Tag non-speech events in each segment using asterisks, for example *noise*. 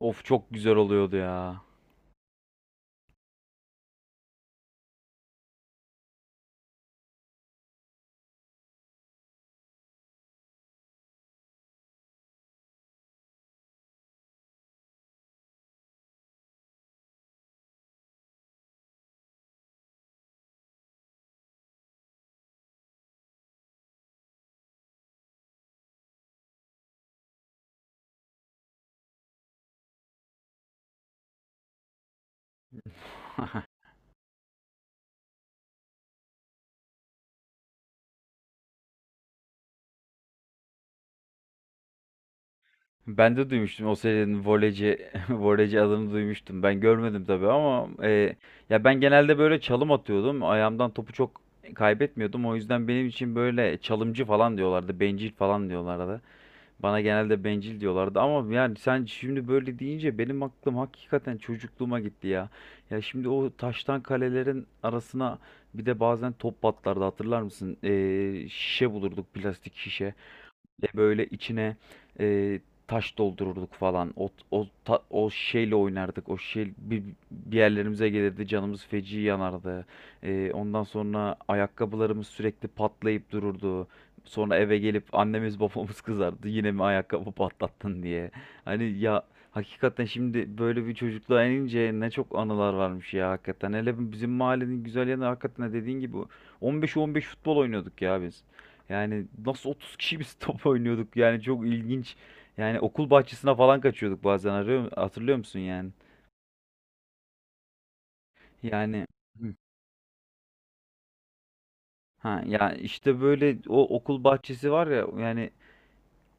Of, çok güzel oluyordu ya. Ben de duymuştum o serinin voleyci *laughs* voleyci adını duymuştum. Ben görmedim tabii ama ya ben genelde böyle çalım atıyordum. Ayağımdan topu çok kaybetmiyordum. O yüzden benim için böyle çalımcı falan diyorlardı. Bencil falan diyorlardı. Bana genelde bencil diyorlardı ama yani sen şimdi böyle deyince benim aklım hakikaten çocukluğuma gitti ya. Ya şimdi o taştan kalelerin arasına bir de bazen top patlardı, hatırlar mısın? Şişe bulurduk, plastik şişe. De böyle içine e, taş doldururduk falan. O şeyle oynardık. Bir yerlerimize gelirdi. Canımız feci yanardı. Ondan sonra ayakkabılarımız sürekli patlayıp dururdu. Sonra eve gelip annemiz babamız kızardı, yine mi ayakkabı patlattın diye. Hani ya, hakikaten şimdi böyle bir çocukluğa inince ne çok anılar varmış ya hakikaten. Hele bizim mahallenin güzel yanı, hakikaten dediğin gibi 15-15 futbol oynuyorduk ya biz. Yani nasıl 30 kişi biz *laughs* top oynuyorduk, yani çok ilginç. Yani okul bahçesine falan kaçıyorduk bazen arıyor, hatırlıyor musun yani? Yani. Hı. Ha ya, işte böyle o okul bahçesi var ya, yani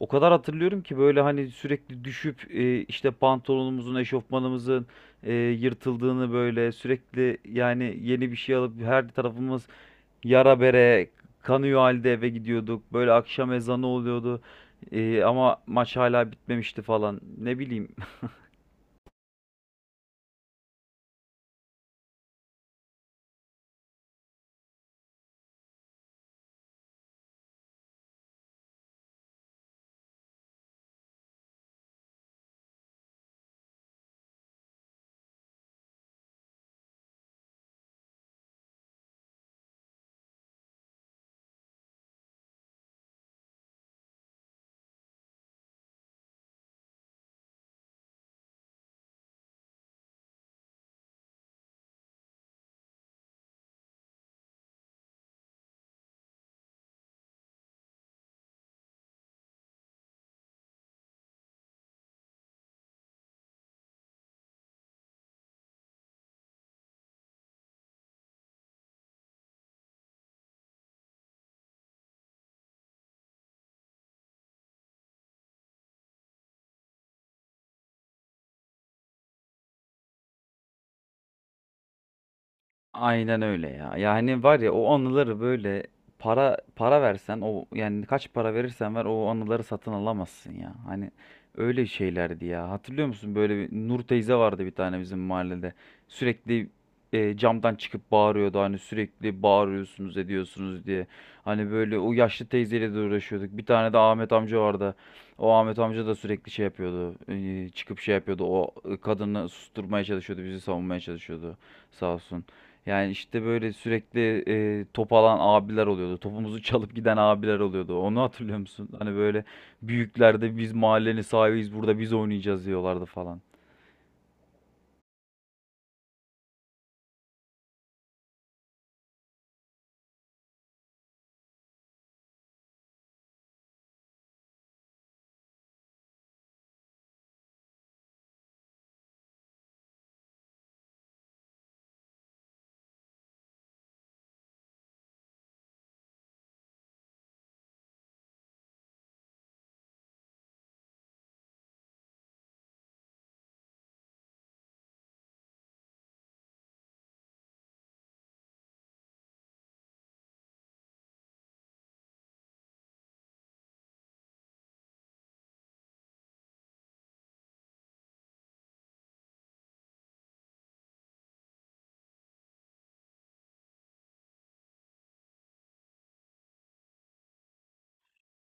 o kadar hatırlıyorum ki böyle, hani sürekli düşüp işte pantolonumuzun, eşofmanımızın yırtıldığını, böyle sürekli yani yeni bir şey alıp her tarafımız yara bere kanıyor halde eve gidiyorduk. Böyle akşam ezanı oluyordu. Ama maç hala bitmemişti falan. Ne bileyim. Aynen öyle ya. Yani var ya o anıları, böyle para para versen o, yani kaç para verirsen ver o anıları satın alamazsın ya. Hani öyle şeylerdi ya. Hatırlıyor musun, böyle bir Nur teyze vardı bir tane bizim mahallede. Sürekli camdan çıkıp bağırıyordu, hani sürekli bağırıyorsunuz ediyorsunuz diye. Hani böyle o yaşlı teyzeyle de uğraşıyorduk. Bir tane de Ahmet amca vardı. O Ahmet amca da sürekli şey yapıyordu. Çıkıp şey yapıyordu. O, kadını susturmaya çalışıyordu, bizi savunmaya çalışıyordu. Sağ olsun. Yani işte böyle sürekli top alan abiler oluyordu. Topumuzu *laughs* çalıp giden abiler oluyordu. Onu hatırlıyor musun? Hani böyle büyüklerde, biz mahallenin sahibiyiz burada biz oynayacağız diyorlardı falan.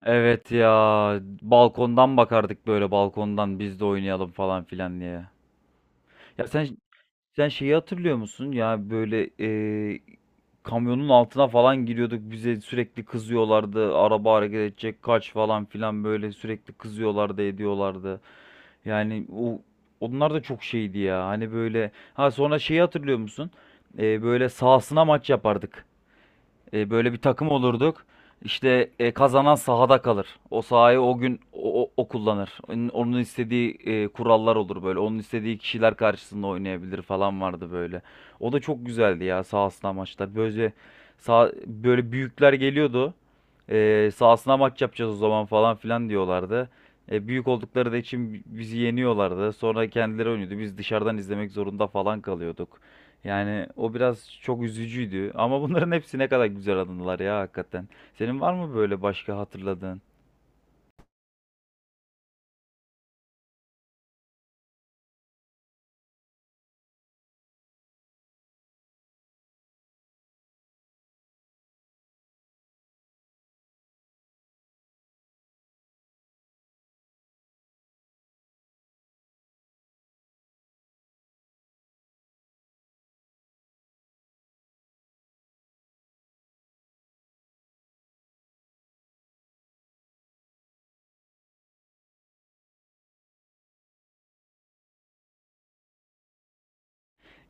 Evet ya, balkondan bakardık, böyle balkondan biz de oynayalım falan filan diye. Ya sen, sen şeyi hatırlıyor musun? Ya böyle kamyonun altına falan giriyorduk. Bize sürekli kızıyorlardı. Araba hareket edecek kaç falan filan, böyle sürekli kızıyorlardı, ediyorlardı. Yani o Onlar da çok şeydi ya. Hani böyle, ha sonra şeyi hatırlıyor musun? Böyle sahasına maç yapardık. Böyle bir takım olurduk. İşte kazanan sahada kalır. O sahayı o gün o kullanır. Onun istediği kurallar olur böyle. Onun istediği kişiler karşısında oynayabilir falan vardı böyle. O da çok güzeldi ya sahasına maçlar. Böyle sağ, böyle büyükler geliyordu. Sahasına maç yapacağız o zaman falan filan diyorlardı. Büyük oldukları da için bizi yeniyorlardı. Sonra kendileri oynuyordu. Biz dışarıdan izlemek zorunda falan kalıyorduk. Yani o biraz çok üzücüydü. Ama bunların hepsi ne kadar güzel anılar ya hakikaten. Senin var mı böyle başka hatırladığın?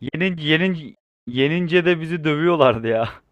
Yenince, yenince, Yenince de bizi dövüyorlardı ya. *laughs*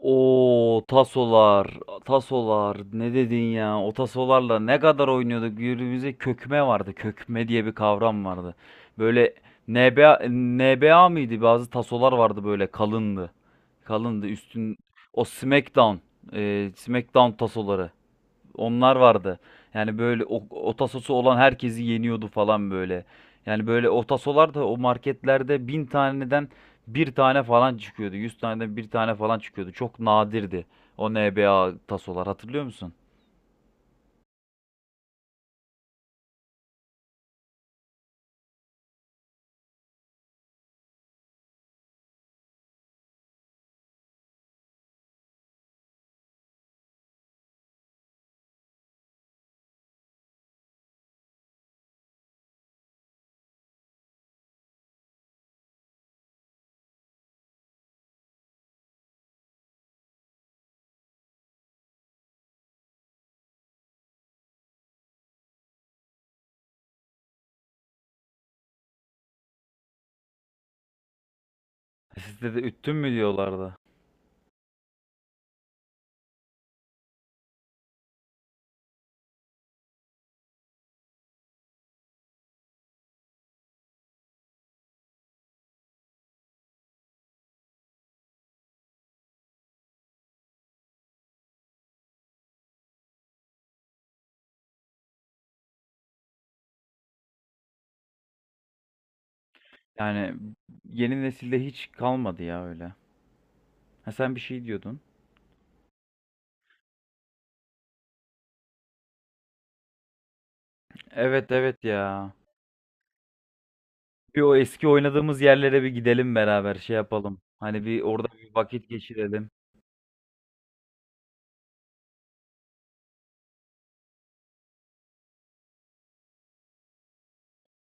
Oo tasolar, tasolar ne dedin ya? O tasolarla ne kadar oynuyorduk? Birbirimize kökme vardı. Kökme diye bir kavram vardı. Böyle NBA, NBA mıydı? Bazı tasolar vardı böyle, kalındı. Kalındı üstün, o SmackDown, SmackDown tasoları. Onlar vardı. Yani böyle o, otasosu olan herkesi yeniyordu falan böyle. Yani böyle otasolar da o marketlerde 1.000 taneden bir tane falan çıkıyordu. 100 taneden bir tane falan çıkıyordu. Çok nadirdi o NBA tasolar, hatırlıyor musun? Sizde de üttün mü diyorlardı. Yani yeni nesilde hiç kalmadı ya öyle. Ha sen bir şey diyordun. Evet evet ya. Bir o eski oynadığımız yerlere bir gidelim beraber, şey yapalım. Hani bir orada bir vakit geçirelim.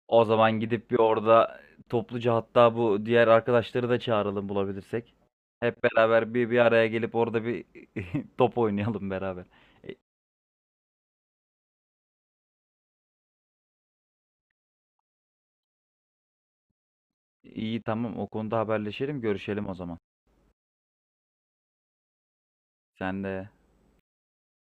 O zaman gidip bir orada topluca, hatta bu diğer arkadaşları da çağıralım bulabilirsek. Hep beraber bir bir araya gelip orada bir *laughs* top oynayalım beraber. E, İyi, tamam, o konuda haberleşelim, görüşelim o zaman. Sen de